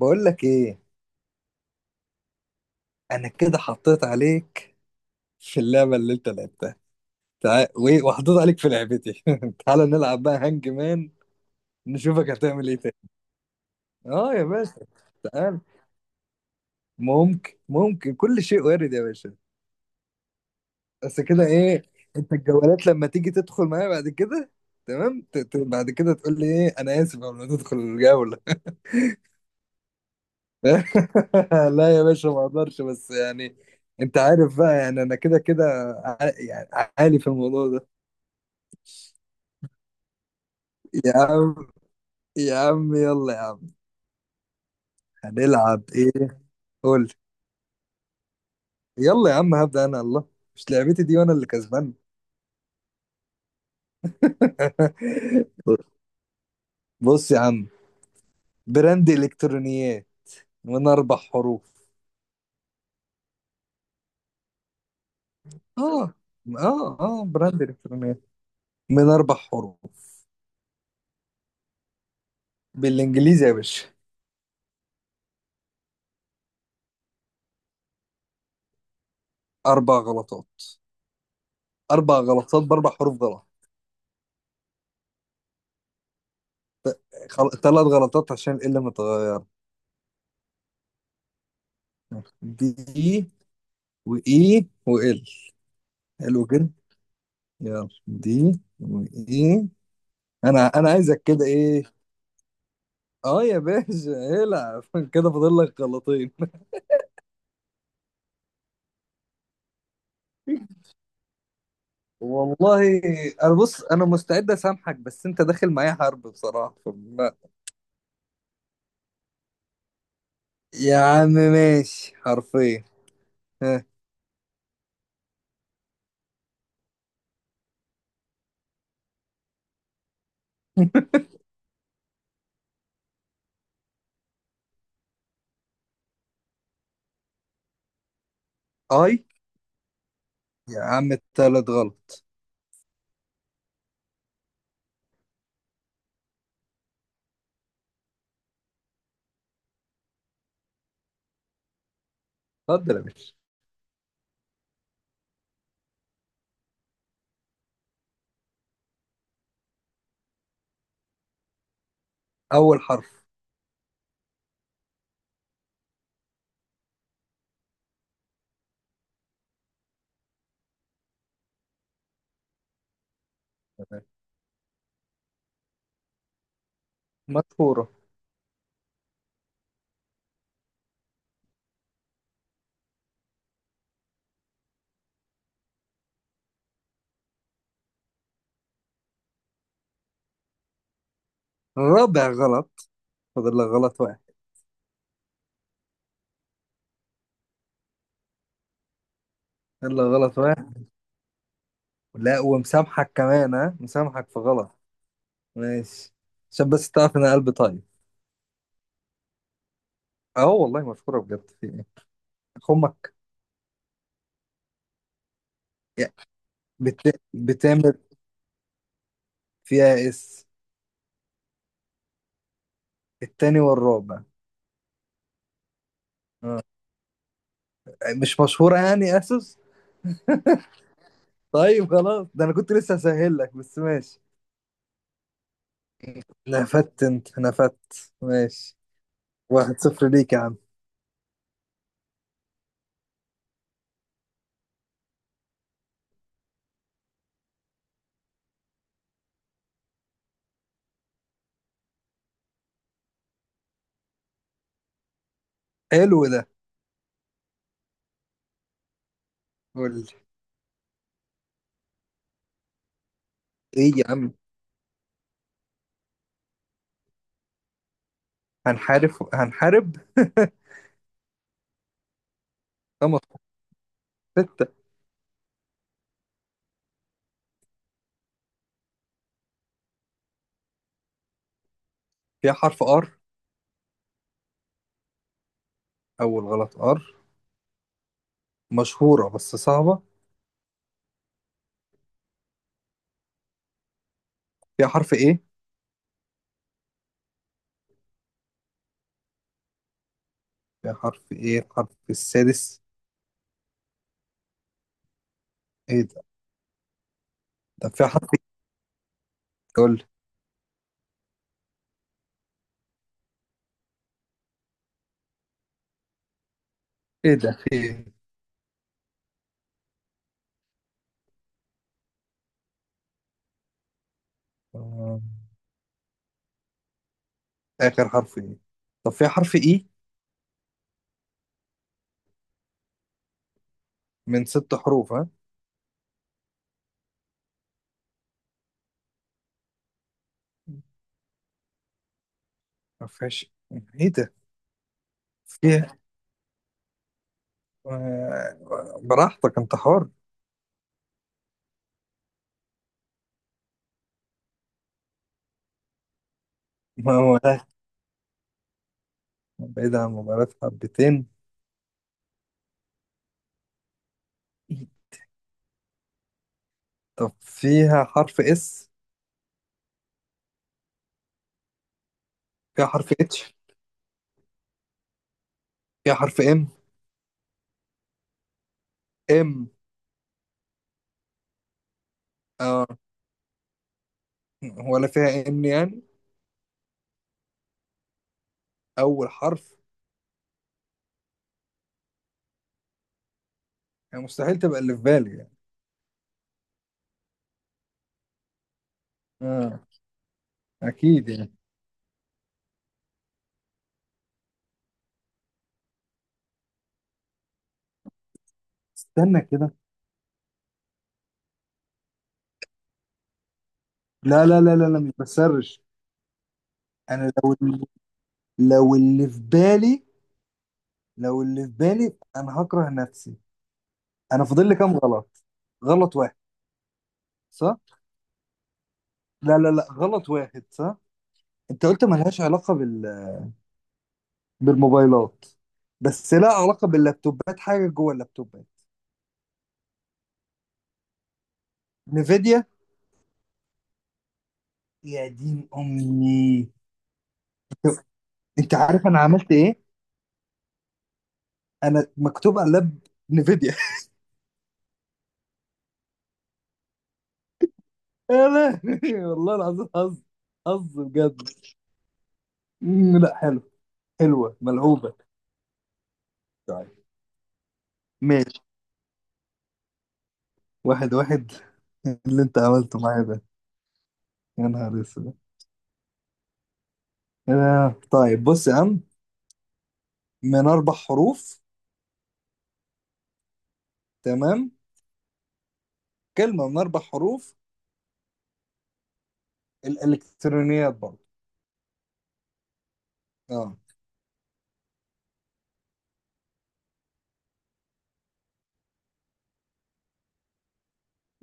بقول لك ايه. انا كده حطيت عليك في اللعبه اللي انت لعبتها. تعال وايه، وحطيت عليك في لعبتي. تعال نلعب بقى هانج مان، نشوفك هتعمل ايه تاني. اه يا باشا، تعال. ممكن كل شيء وارد يا باشا. بس كده ايه، انت الجولات لما تيجي تدخل معايا بعد كده، تمام بعد كده تقول لي ايه انا اسف قبل ما تدخل الجوله. لا يا باشا، ما اقدرش بس يعني، انت عارف بقى يعني انا كده كده، يعني عالي في الموضوع ده. يا عم، يا عم يلا يا عم، هنلعب ايه؟ قول لي. يلا يا عم، هبدأ انا الله، مش لعبتي دي وانا اللي كسبان. بص يا عم، براند الكترونيات من اربع حروف. اه، اه، اه براند الكترونيات من اربع حروف. بالانجليزي يا باشا. اربع غلطات. اربع غلطات باربع حروف غلط. ثلاث غلطات عشان ال متغير، دي، واي، وال. حلو كده. يلا دي واي. انا عايزك كده ايه. اه يا باشا. العب. كده فاضل لك غلطين. والله. انا بص انا مستعد اسامحك، بس انت داخل معايا حرب بصراحه يا عم ماشي حرفين. ها، اي. يا عم التالت غلط. اتفضل يا باشا. اول حرف. تمام. مشهوره. رابع غلط، فاضل لك غلط واحد. فاضل لك غلط واحد، لا ومسامحك كمان، ها، مسامحك في غلط. ماشي، عشان بس تعرف ان أنا قلبي طيب. اه والله مشهوره بجد، في ايه؟ امك. يا بتعمل. فيها اس، التاني والرابع. اه، مش مشهورة يعني اسوس. طيب خلاص، ده انا كنت لسه هسهل لك، بس ماشي. نفدت، انت نفدت، ماشي. واحد صفر ليك يا عم. حلو ده. قول لي ايه يا عم؟ هنحارب هنحارب. خمس. ستة. فيها حرف ار؟ اول غلط. ار. مشهورة بس صعبة. فيها حرف ايه؟ فيها حرف ايه الحرف السادس؟ ايه ده؟ طب فيها حرف ايه؟ قول لي. ايه ده، في ايه؟ آه، اخر حرف ايه؟ طب فيها حرف اي. من ست حروف، ها. ما فيهاش. ايه ده. فيها. براحتك، انت حر. ما هو ده، بعيد عن مباراة حبتين. طب فيها حرف اس. فيها حرف اتش. فيها حرف ام. ام. اه. ولا فيها ان يعني؟ اول حرف. يعني مستحيل تبقى اللي في بالي يعني. اه، اكيد يعني. استنى كده. لا لا لا لا لا، مش بسرش. انا لو لو اللي في بالي لو اللي في بالي انا هكره نفسي. انا فاضل لي كام غلط؟ غلط واحد؟ صح. لا لا لا، غلط واحد صح. انت قلت ملهاش علاقه بالموبايلات. بس لها علاقه باللابتوبات، حاجه جوه اللابتوبات. نيفيديا. يا دين امي. انت عارف انا عملت ايه؟ انا مكتوب على اللاب نيفيديا. يا لهوي، والله العظيم حظ. حظ بجد. مم، لا حلو. حلوه ملعوبه. طيب. ماشي واحد واحد. اللي انت عملته معايا ده، يا نهار اسود. طيب بص يا عم، من اربع حروف. تمام. كلمه من اربع حروف. الالكترونيات برضه. اه.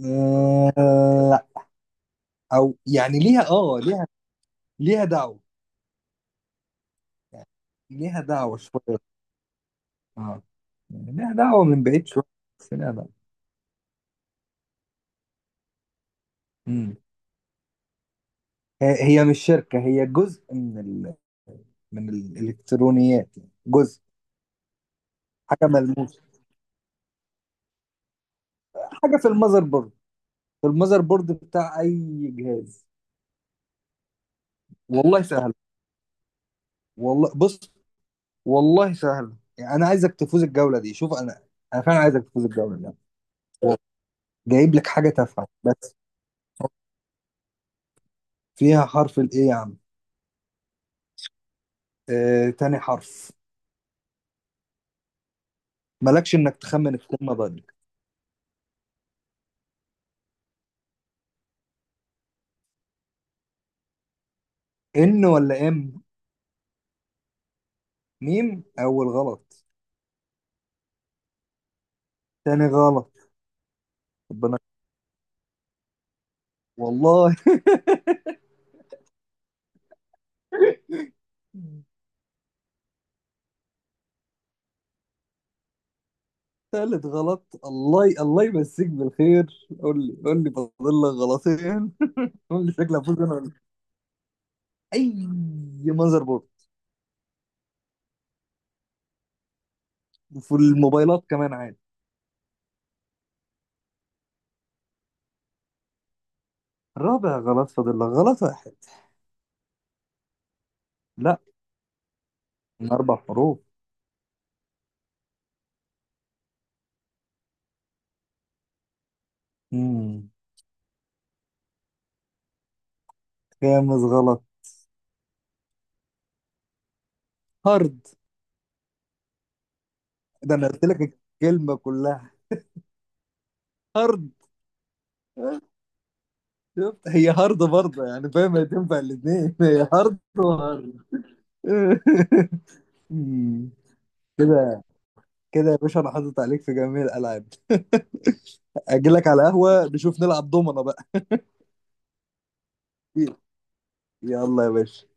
آه، لا. او يعني ليها، ليها. ليها دعوه. يعني ليها دعوه شويه. اه. يعني ليها دعوه من بعيد شويه. بس ليها دعوه. مم. هي هي مش شركه، هي جزء من الالكترونيات، يعني جزء. حاجه ملموسه. حاجه في المذر بورد. في المذر بورد بتاع اي جهاز. والله سهل. والله بص، والله سهل يعني، انا عايزك تفوز الجوله دي، شوف انا. انا فعلا عايزك تفوز الجوله دي. جايب لك حاجه تافهه بس. فيها حرف الايه يا عم؟ تاني حرف. مالكش انك تخمن الكلمه بقلبك. ان ولا ام؟ ميم، اول غلط. تاني غلط. ربنا. والله. تالت غلط. الله يمسيك بالخير، قول لي، قول لي، فاضل لك غلطين. قول لي شكلك فوز انا اي. مذر بورد، وفي الموبايلات كمان عادي. الرابع غلط، فاضل لك غلط واحد. لا، من أربع حروف. مم. خامس غلط. هارد. ده أنا قلت لك الكلمة كلها. هارد. شفت، هي هارد برضه يعني، فاهم، هي تنفع الاثنين. هي هارد وهارد. مم. كده، كده يا باشا أنا حاطط عليك في جميع الألعاب. أجيلك على قهوة نشوف نلعب دومنا بقى. يلا يا باشا.